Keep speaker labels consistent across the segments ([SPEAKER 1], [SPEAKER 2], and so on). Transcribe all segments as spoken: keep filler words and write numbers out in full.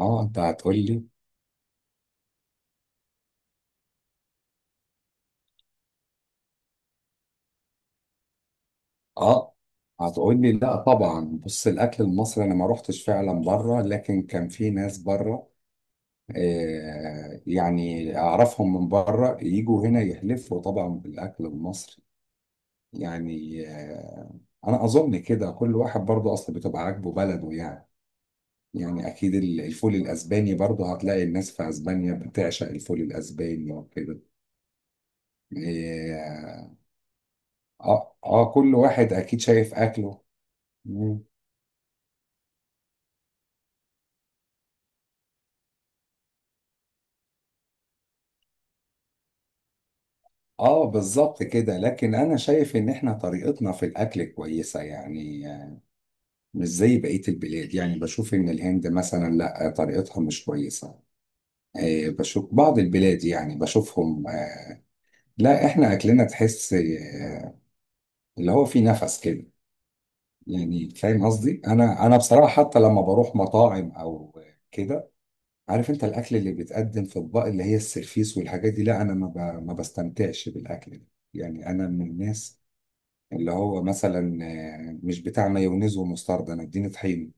[SPEAKER 1] اه انت هتقول لي. اه هتقول لي لا طبعا، بص الاكل المصري انا ما روحتش فعلا بره، لكن كان في ناس بره آه يعني اعرفهم من بره يجوا هنا يحلفوا طبعا بالاكل المصري. يعني آه انا اظن كده كل واحد برضه اصلا بتبقى عاجبه بلده. يعني يعني اكيد ال- الفول الاسباني برضه هتلاقي الناس في اسبانيا بتعشق الفول الاسباني وكده. آه اه آه، كل واحد اكيد شايف اكله. اه بالظبط كده، لكن انا شايف ان احنا طريقتنا في الاكل كويسه يعني، مش زي بقيه البلاد. يعني بشوف ان الهند مثلا لا، طريقتها مش كويسه، آه، بشوف بعض البلاد، يعني بشوفهم، آه، لا احنا اكلنا تحس آه، اللي هو فيه نفس كده، يعني فاهم قصدي. انا انا بصراحه حتى لما بروح مطاعم او كده، عارف انت الاكل اللي بيتقدم في اطباق اللي هي السرفيس والحاجات دي، لا انا ما ب- ما بستمتعش بالاكل ده. يعني انا من الناس اللي هو مثلا آه، مش بتاع مايونيز ومستردة، انا اديني طحين.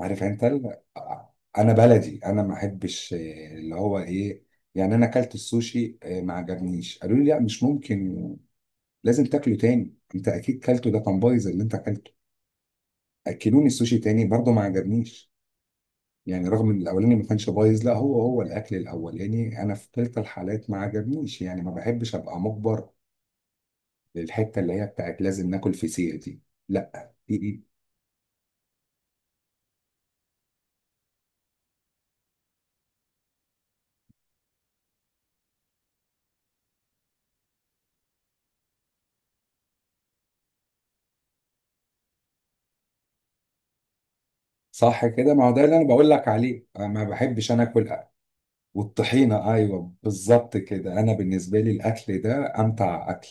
[SPEAKER 1] عارف انت ال- آه، انا بلدي انا ما احبش آه، اللي هو ايه. يعني انا اكلت السوشي آه، ما عجبنيش، قالوا لي لا مش ممكن، لازم تاكله تاني، انت اكيد كلته ده كان بايظ اللي انت اكلته. اكلوني السوشي تاني برضه ما عجبنيش، يعني رغم ان الاولاني ما كانش بايظ، لا هو هو الاكل الاولاني، انا في كلتا الحالات ما عجبنيش. يعني ما بحبش ابقى مجبر للحته اللي هي بتاعت لازم ناكل فسيخ دي. لا. صح كده، ما هو ده اللي انا بقول لك عليه. أنا ما بحبش انا اكل أ- والطحينه، ايوه بالظبط كده. انا بالنسبه لي الاكل ده امتع اكل،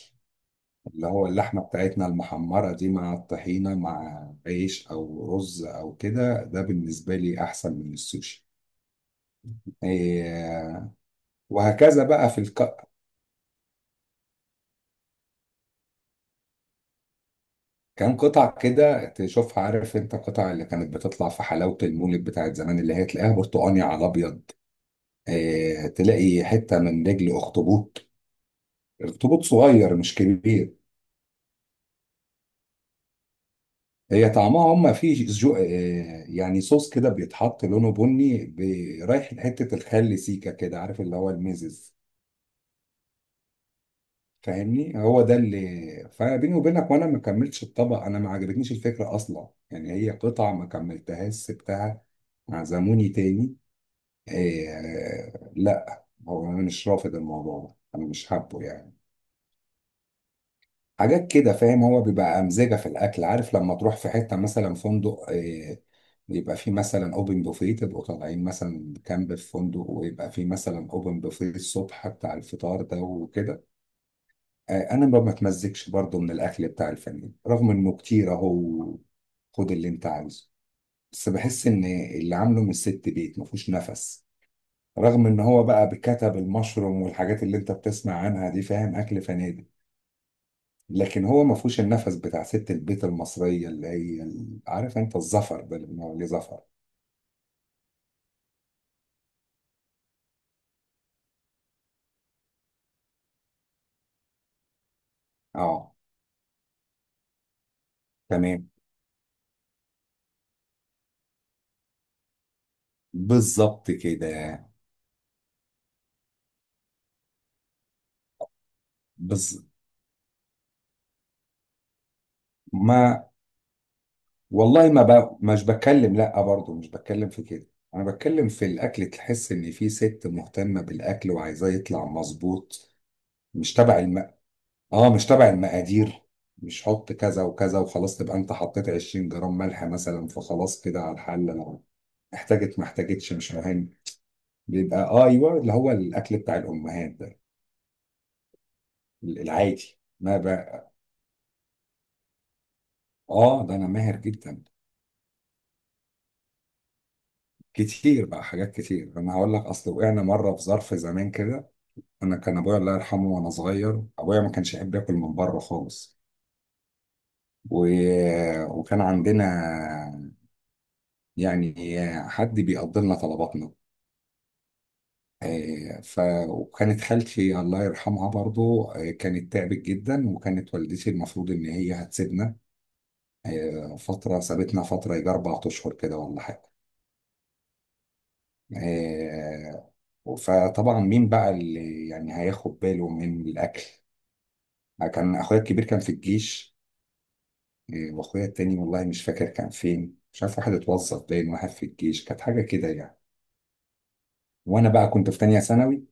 [SPEAKER 1] اللي هو اللحمه بتاعتنا المحمره دي مع الطحينه مع عيش او رز او كده، ده بالنسبه لي احسن من السوشي. إيه. وهكذا بقى في الك... كان قطع كده تشوفها، عارف انت قطع اللي كانت بتطلع في حلاوه المولد بتاعت زمان، اللي هي تلاقيها برتقاني على ابيض. إيه، تلاقي حته من رجل اخطبوط، اخطبوط صغير مش كبير. هي طعمها هم فيه جو... آه، يعني صوص كده بيتحط لونه بني بي- رايح لحتة الخل سيكا كده، عارف اللي هو الميزز. فاهمني، هو ده اللي فبيني وبينك، وانا ما كملتش الطبق، انا ما عجبتنيش الفكرة اصلا. يعني هي قطعة ما كملتهاش سبتها. عزموني تاني. آه... لا هو انا مش رافض الموضوع ده، انا مش حابه يعني حاجات كده. فاهم هو بيبقى أمزجة في الأكل. عارف لما تروح في حتة مثلا فندق، آه، يبقى فيه مثلا أوبن بوفيه، تبقوا طالعين مثلا كامب في فندق ويبقى فيه مثلا أوبن بوفيه الصبح بتاع الفطار ده وكده. آه، أنا ما بتمزجش برضه من الأكل بتاع الفنادق رغم إنه كتير أهو، خد اللي أنت عاوزه، بس بحس إن اللي عامله من الست بيت مفهوش نفس، رغم إن هو بقى بكتب المشروم والحاجات اللي أنت بتسمع عنها دي. فاهم أكل فنادق، لكن هو ما فيهوش النفس بتاع ست البيت المصريه، اللي هي ال- عارف انت الظفر ده اللي بنقول عليه ظفر. اه تمام، بالظبط كده. بز... ما والله ما ب... مش بتكلم، لا برضه مش بتكلم في كده، انا بتكلم في الاكل، تحس ان في ست مهتمه بالاكل وعايزاه يطلع مظبوط. مش تبع الم... اه مش تبع المقادير، مش حط كذا وكذا وخلاص، تبقى انت حطيت عشرين جرام ملح مثلا فخلاص كده على الحل. انا احتاجت ما احتاجتش مش مهم، بيبقى اه ايوه اللي هو الاكل بتاع الامهات ده العادي، ما بقى. اه ده انا ماهر جدا. كتير بقى حاجات كتير، انا هقول لك اصل وقعنا مره في ظرف زمان كده. انا كان ابويا الله يرحمه وانا صغير ابويا ما كانش يحب ياكل من بره خالص، و... وكان عندنا يعني حد بيقضي لنا طلباتنا. آه، ف وكانت خالتي الله يرحمها برضو آه، كانت تعبت جدا، وكانت والدتي المفروض ان هي هتسيبنا، هي فترة سابتنا فترة يجي أربع أشهر كده ولا حاجة. آه، فطبعا مين بقى اللي يعني هياخد باله من الأكل. كان أخويا الكبير كان في الجيش، آه، وأخويا التاني والله مش فاكر كان فين مش عارف، واحد اتوظف باين واحد في الجيش، كانت حاجة كده يعني. وأنا بقى كنت في تانية ثانوي،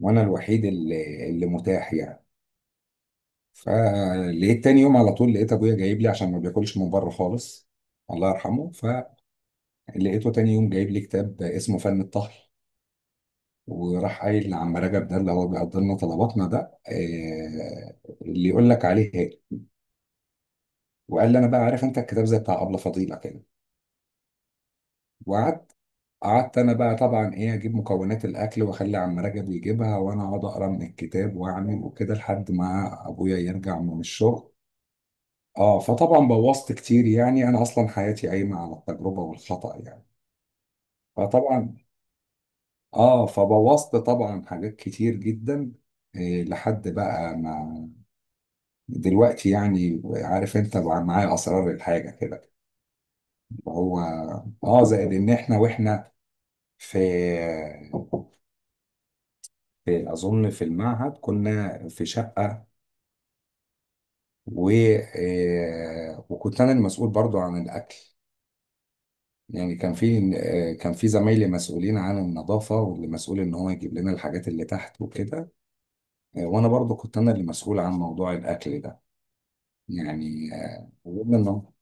[SPEAKER 1] وأنا الوحيد اللي, اللي متاح يعني. فلقيت تاني يوم على طول لقيت أبويا جايب لي، عشان ما بياكلش من بره خالص الله يرحمه. فلقيته تاني يوم جايب لي كتاب اسمه فن الطهي، وراح قايل لعم رجب، ده اللي هو بيقضي لنا طلباتنا ده، آه، اللي يقول لك عليه هاي، وقال لي انا بقى عارف انت الكتاب زي بتاع ابله فضيله كده. وقعدت قعدت انا بقى طبعا، ايه اجيب مكونات الاكل واخلي عم رجب يجيبها، وانا اقعد اقرا من الكتاب واعمل وكده لحد ما ابويا يرجع من الشغل. اه فطبعا بوظت كتير يعني، انا اصلا حياتي قايمه على التجربه والخطا يعني. فطبعا اه فبوظت طبعا حاجات كتير جدا. إيه، لحد بقى ما دلوقتي، يعني عارف انت بقى معايا اسرار الحاجه كده. هو اه زائد ان احنا واحنا في, في اظن في المعهد كنا في شقه، و آه، وكنت انا المسؤول برضو عن الاكل. يعني كان في آه، كان في زمايلي مسؤولين عن النظافه واللي مسؤول ان هو يجيب لنا الحاجات اللي تحت وكده، آه، وانا برضو كنت انا اللي مسؤول عن موضوع الاكل ده. يعني آه، وقلنا إنه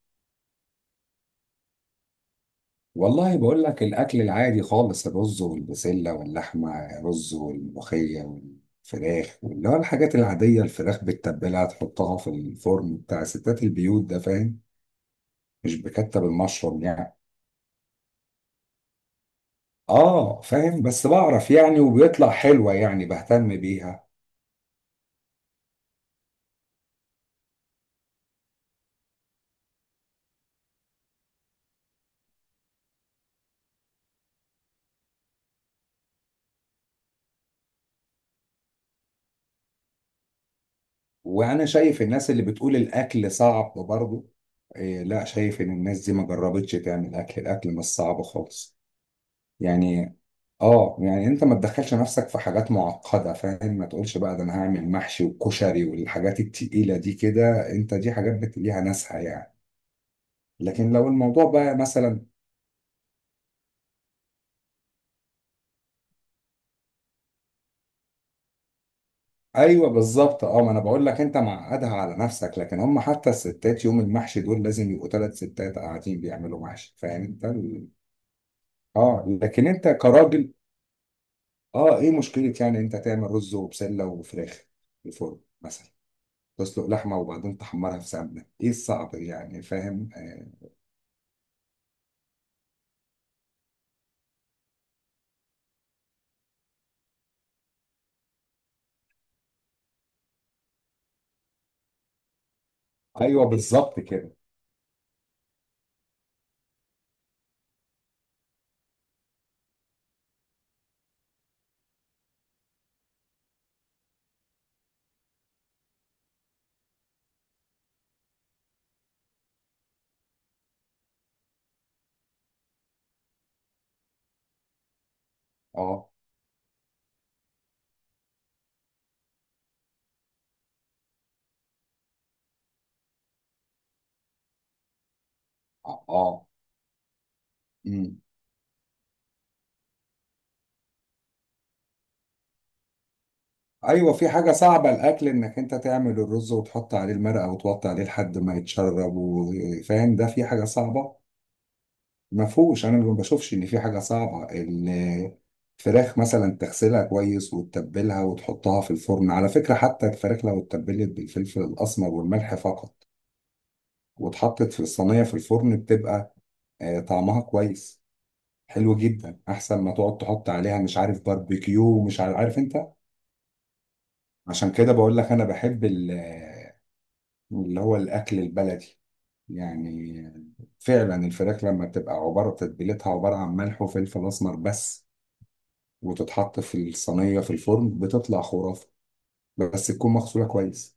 [SPEAKER 1] والله بقول لك الأكل العادي خالص، الرز والبسلة واللحمة رز والملوخية والفراخ، اللي هو الحاجات العادية، الفراخ بالتتبيلة تحطها في الفرن بتاع ستات البيوت ده فاهم، مش بكتب المشروم يعني. اه فاهم، بس بعرف يعني وبيطلع حلوة يعني بهتم بيها. وأنا شايف الناس اللي بتقول الأكل صعب برضه، إيه لا شايف إن الناس دي ما جربتش تعمل أكل، الأكل مش صعب خالص. يعني اه، يعني انت ما تدخلش نفسك في حاجات معقدة فاهم، ما تقولش بقى ده انا هعمل محشي وكشري والحاجات التقيلة دي كده، انت دي حاجات بت- ليها ناسها يعني. لكن لو الموضوع بقى مثلا ايوه بالظبط. اه ما انا بقول لك انت معقدها على نفسك، لكن هم حتى الستات يوم المحشي دول لازم يبقوا ثلاث ستات قاعدين بيعملوا محشي. فاهم انت ال- اه لكن انت كراجل، اه ايه مشكلة يعني انت تعمل رز وبسلة وفراخ في الفرن مثلا، تسلق لحمة وبعدين تحمرها في سمنة، ايه الصعب يعني فاهم آه. ايوه بالظبط كده. اه اه آه. مم. ايوه في حاجة صعبة الاكل، انك انت تعمل الرز وتحط عليه المرقة وتوطي عليه لحد ما يتشرب وفاهم، ده في حاجة صعبة؟ ما فيهوش، انا ما بشوفش ان في حاجة صعبة. الفراخ مثلا تغسلها كويس وتتبلها وتحطها في الفرن، على فكرة حتى الفراخ لو اتبلت بالفلفل الاسمر والملح فقط واتحطت في الصينية في الفرن، بتبقى آه، طعمها كويس، حلو جدا، احسن ما تقعد تحط عليها مش عارف باربيكيو ومش عارف، عارف انت. عشان كده بقول لك انا بحب ال- اللي هو الاكل البلدي. يعني فعلا الفراخ لما بتبقى عباره تتبيلتها عباره عن ملح وفلفل اسمر بس، وتتحط في الصينيه في الفرن، بتطلع خرافه، بس تكون مغسوله كويس.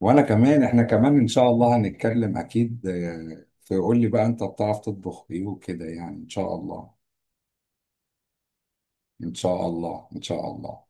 [SPEAKER 1] وانا كمان، احنا كمان ان شاء الله هنتكلم اكيد، آه، فقول لي بقى انت بتعرف تطبخ ايه وكده، يعني ان شاء الله. ان شاء الله ان شاء الله.